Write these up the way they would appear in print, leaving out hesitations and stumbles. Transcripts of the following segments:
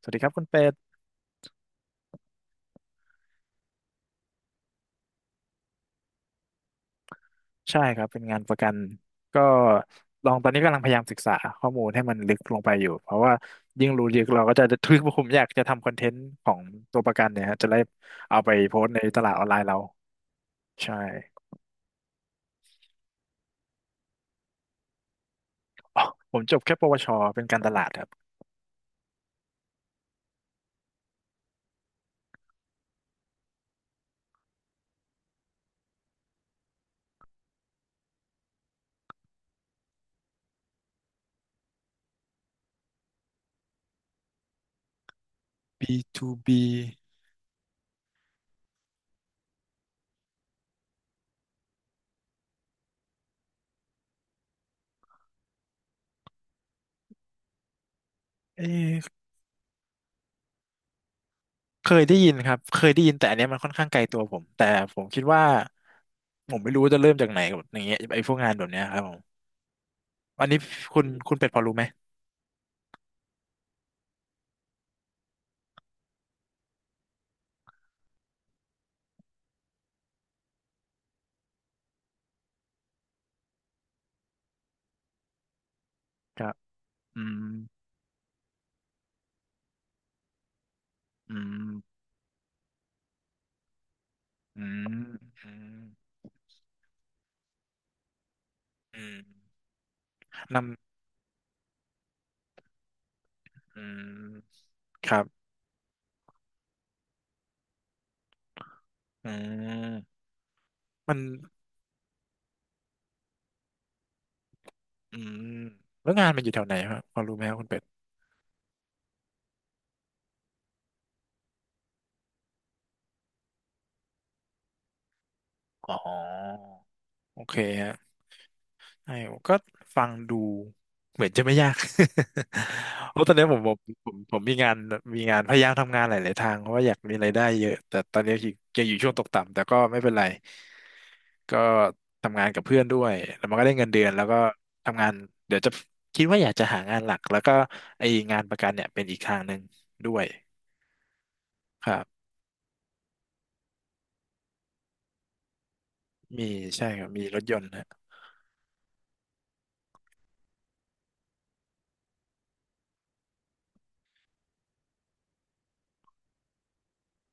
สวัสดีครับคุณเป็ดใช่ครับเป็นงานประกันก็ลองตอนนี้กำลังพยายามศึกษาข้อมูลให้มันลึกลงไปอยู่เพราะว่ายิ่งรู้ลึกเราก็จะ ทึกผมอยากจะทำคอนเทนต์ของตัวประกันเนี่ยฮะจะได้เอาไปโพสต์ในตลาดออนไลน์เราใช่อ๋อผมจบแค่ปวชเป็นการตลาดครับปีเอยเคยได้ยินครับเคยได้ยินแต่อันเนี้ยมันค่อนข้างไกลตัวผมแต่ผมคิดว่าผมไม่รู้จะเริ่มจากไหนกับอย่างเงี้ยไอ้พวกงานแบบเนี้ยครับผมอันนี้คุณเป็ดพอรู้ไหมครับอืมอืม อืมอืมอืมนำอืมครับอืมมันอืมแล้วงานมันอยู่แถวไหนครับพอรู้ไหมครับคุณเป็ดอ๋อโอเคฮะใช่ผมก็ฟังดูเหมือนจะไม่ยาก เพราะตอนนี้ผมมีงานมีงานพยายามทำงานหลายๆทางเพราะว่าอยากมีรายได้เยอะ แต่ตอนนี้ยังอยู่ช่วงตกต่ำแต่ก็ไม่เป็นไร ก็ทำงานกับเพื่อนด้วยแล้วมันก็ได้เงินเดือนแล้วก็ทำงานเดี๋ยวจะคิดว่าอยากจะหางานหลักแล้วก็ไอ้งานประกันเนี่ยเป็นอีกทางหนึ่งด้วยครับมีใช่ครับมีรถยนต์นะ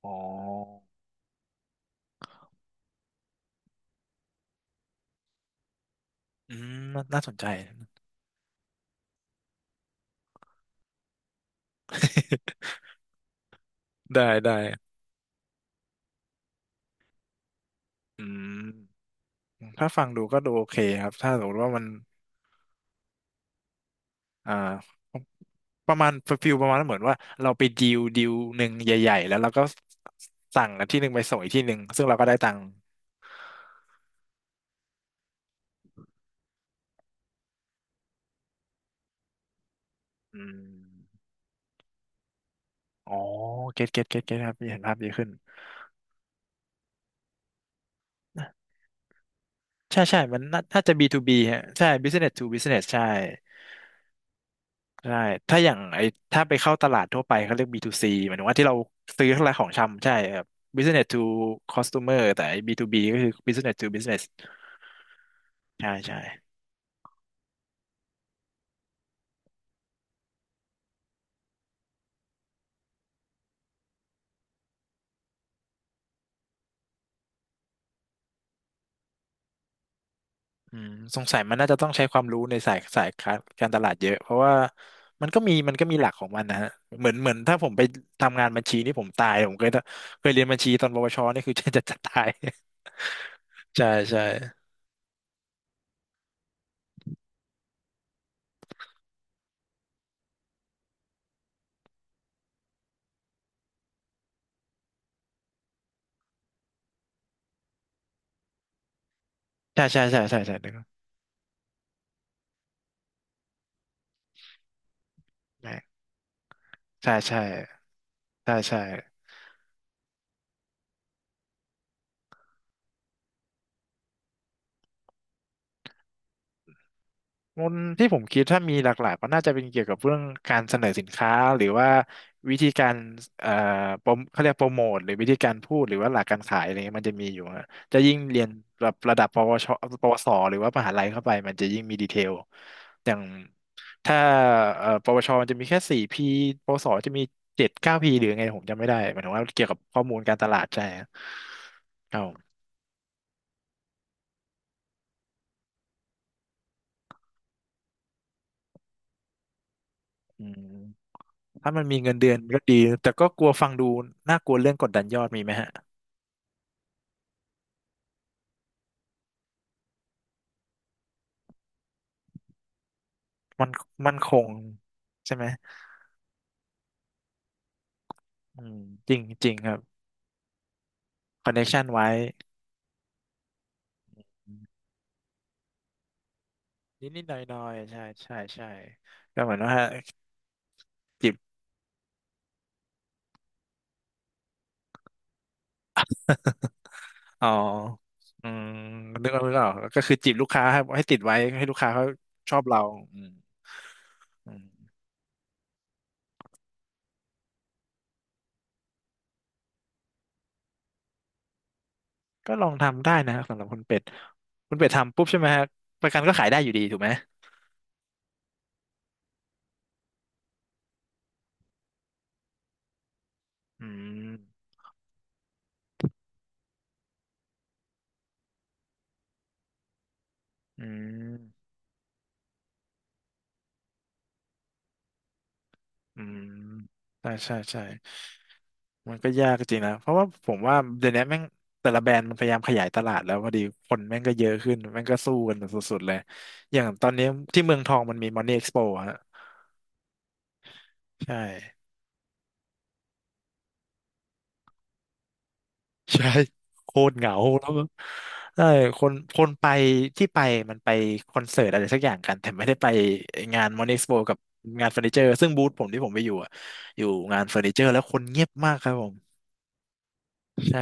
อ๋ออืมน่าน่าสนใจ ได้ได้อืมถ้าฟังดูก็ดูโอเคครับถ้าสมมติว่ามันอ่าประมาณฟิลประมาณเหมือนว่าเราไปดีลหนึ่งใหญ่ๆแล้วเราก็สั่งอันที่หนึ่งไปส่งอีกที่หนึ่งซึ่งเราก็ได้ตังค์อืม อ๋อเก็ตเก็ตเก็ตเก็ตครับเห็นภาพดีขึ้นใช่ใช่มันน่าน่าจะ B2B ฮะใช่ Business to Business ใช่ใช่ถ้าอย่างไอ้ถ้าไปเข้าตลาดทั่วไปเขาเรียก B2C หมายถึงว่าที่เราซื้อทั้งหลายของชำใช่ครับ Business to Customer แต่ไอ้ B2B ก็คือ Business to Business ใช่ใช่อืมสงสัยมันน่าจะต้องใช้ความรู้ในสายการตลาดเยอะเพราะว่ามันก็มีมันก็มีหลักของมันนะฮะเหมือนเหมือนถ้าผมไปทำงานบัญชีนี่ผมตายผมเคยเคยเรียนบัญชีตอนปวชนี่คือ จะจะจะตาย ใช่ใช่ใช่ใช่ใช่ใช่ใช่นึกออนแรกใช่ใช่ใช่ใช่งนที่ผมคิดถ้ามีหลักๆก็น่าจะเป็นเกี่ยวกับเรื่องการเสนอสินค้าหรือว่าวิธีการเอ่อโปรโมเขาเรียกโปรโมทหรือวิธีการพูดหรือว่าหลักการขายอะไรเงี้ยมันจะมีอยู่ฮะจะยิ่งเรียนแบบระดับปวชปวสหรือว่ามหาลัยเข้าไปมันจะยิ่งมีดีเทลอย่างถ้าปวชมันจะมีแค่สี่พีปวสจะมีเจ็ดเก้าพีหรือไงผมจำไม่ได้หมายถึงว่าเกี่ยวกับข้อมูลการตลาดใช่ครับ อืมถ้ามันมีเงินเดือนก็ดีแต่ก็กลัวฟังดูน่ากลัวเรื่องกดดันยอดมีไหมฮะมันมันคงใช่ไหมอืมจริงจริงครับคอนเนคชันไว้นิดนิดหน่อยหน่อยๆใช่ใช่ใช่ก็เหมือนว่าจีบอ๋ออืมนึกออกนึกออกก็คือจีบลูกค้าให้ให้ติดไว้ให้ลูกค้าเขาชอบเราอืมอืมก็ลองทำได้นะสำหรับคุณเป็ดคุณเป็ดทำปุ๊บใช่ไหมฮะประกันก็ขายได้อยู่ดีถูกไหมอืมอืม อืมใช่ใช่ใช่มันก็ยากจริงนะเพราะว่าผมว่าเดี๋ยวนี้แม่งแต่ละแบรนด์มันพยายามขยายตลาดแล้วพอดีคนแม่งก็เยอะขึ้นแม่งก็สู้กันสุดๆเลยอย่างตอนนี้ที่เมืองทองมันมี Money Expo อะฮะใช่ใช่โคตรเหงาแล้วก็ใช่คนคนไปที่ไปมันไปคอนเสิร์ตอะไรสักอย่างกันแต่ไม่ได้ไปงาน Money Expo กับงานเฟอร์นิเจอร์ซึ่งบูธผมที่ผมไปอยู่อะอยู่งานเฟอร์นิเจอร์แล้วคนเงียบมากครับผมใช่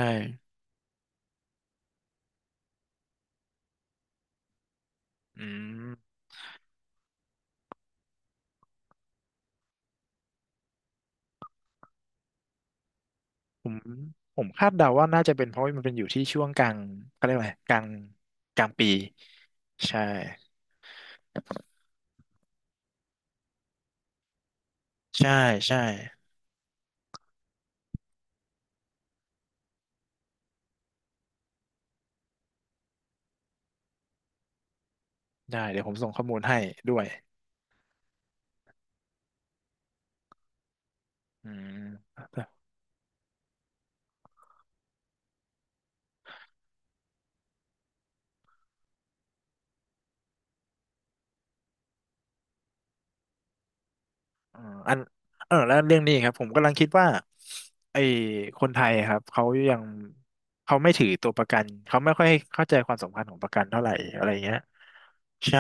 อืม ผมผมคาดเดาว่าน่าจะเป็นเพราะว่ามันเป็นอยู่ที่ช่วงกลางเขาเรียกว่าอะไรกลางกลางปีใช่ใช่ใช่ได้เดี๋ยวผมส่งข้อมูลให้ด้วยอืมเอ่ออันเออแล้วเรื่องนี้ครับผมกำลังคิดว่าไอ้คนไทยอะครับเขายังเขาไม่ถือตัวประกันเขาไม่ค่อยเข้าใจความสำคัญของประกันเท่าไหร่อะไรเงี้ยใช่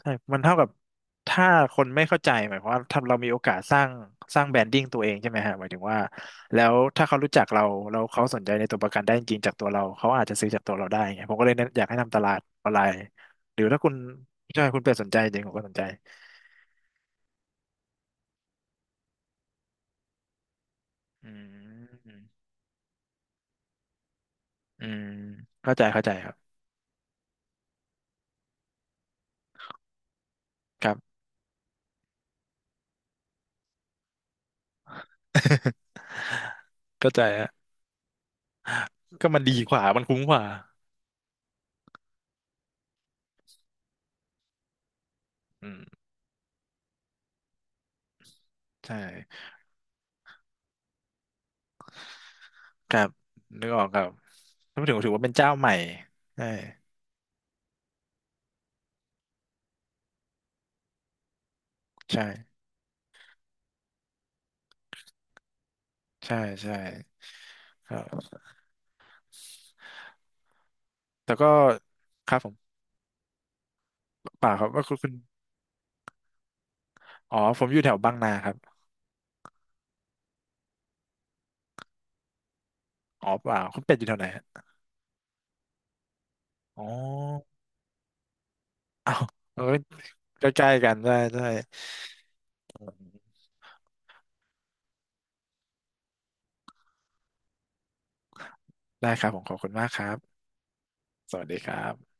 ใช่ มันเท่ากับถ้าคนไม่เข้าใจหมายความว่าถ้าเรามีโอกาสสร้างสร้างแบรนดิ้งตัวเองใช่ไหมฮะหมายถึงว่าแล้วถ้าเขารู้จักเราแล้วเขาสนใจในตัวประกันได้จริงๆจากตัวเราเขาอาจจะซื้อจากตัวเราได้ไงผมก็เลยแนะอยากให้ทำตลาดออนไลน์หรือถ้าคุณใช่คุณเป็ดสนใจจริงผมก็สนใจอืมอืมเข้าใจเข้าใจครับครับ เข้าใจฮะก็มันดีกว่ามันคุ้มกว่าอืมใช่ครับนึกออกครับถ้าพูดถึงถือว่าเป็นเจ้าใหม่ใช่ใช่ใช่ใช่ ครับแต่ก็ครับผมเปล่าครับว่าคุณคุณอ๋อผมอยู่แถวบางนาครับอ๋อเปล่าคุณเป็ดอยู่แถวไหนฮะอ๋ออ้าวเออใกล้ๆกันได้ได้ได้ครับผมขอบคุณมากครับสวัสดีครับ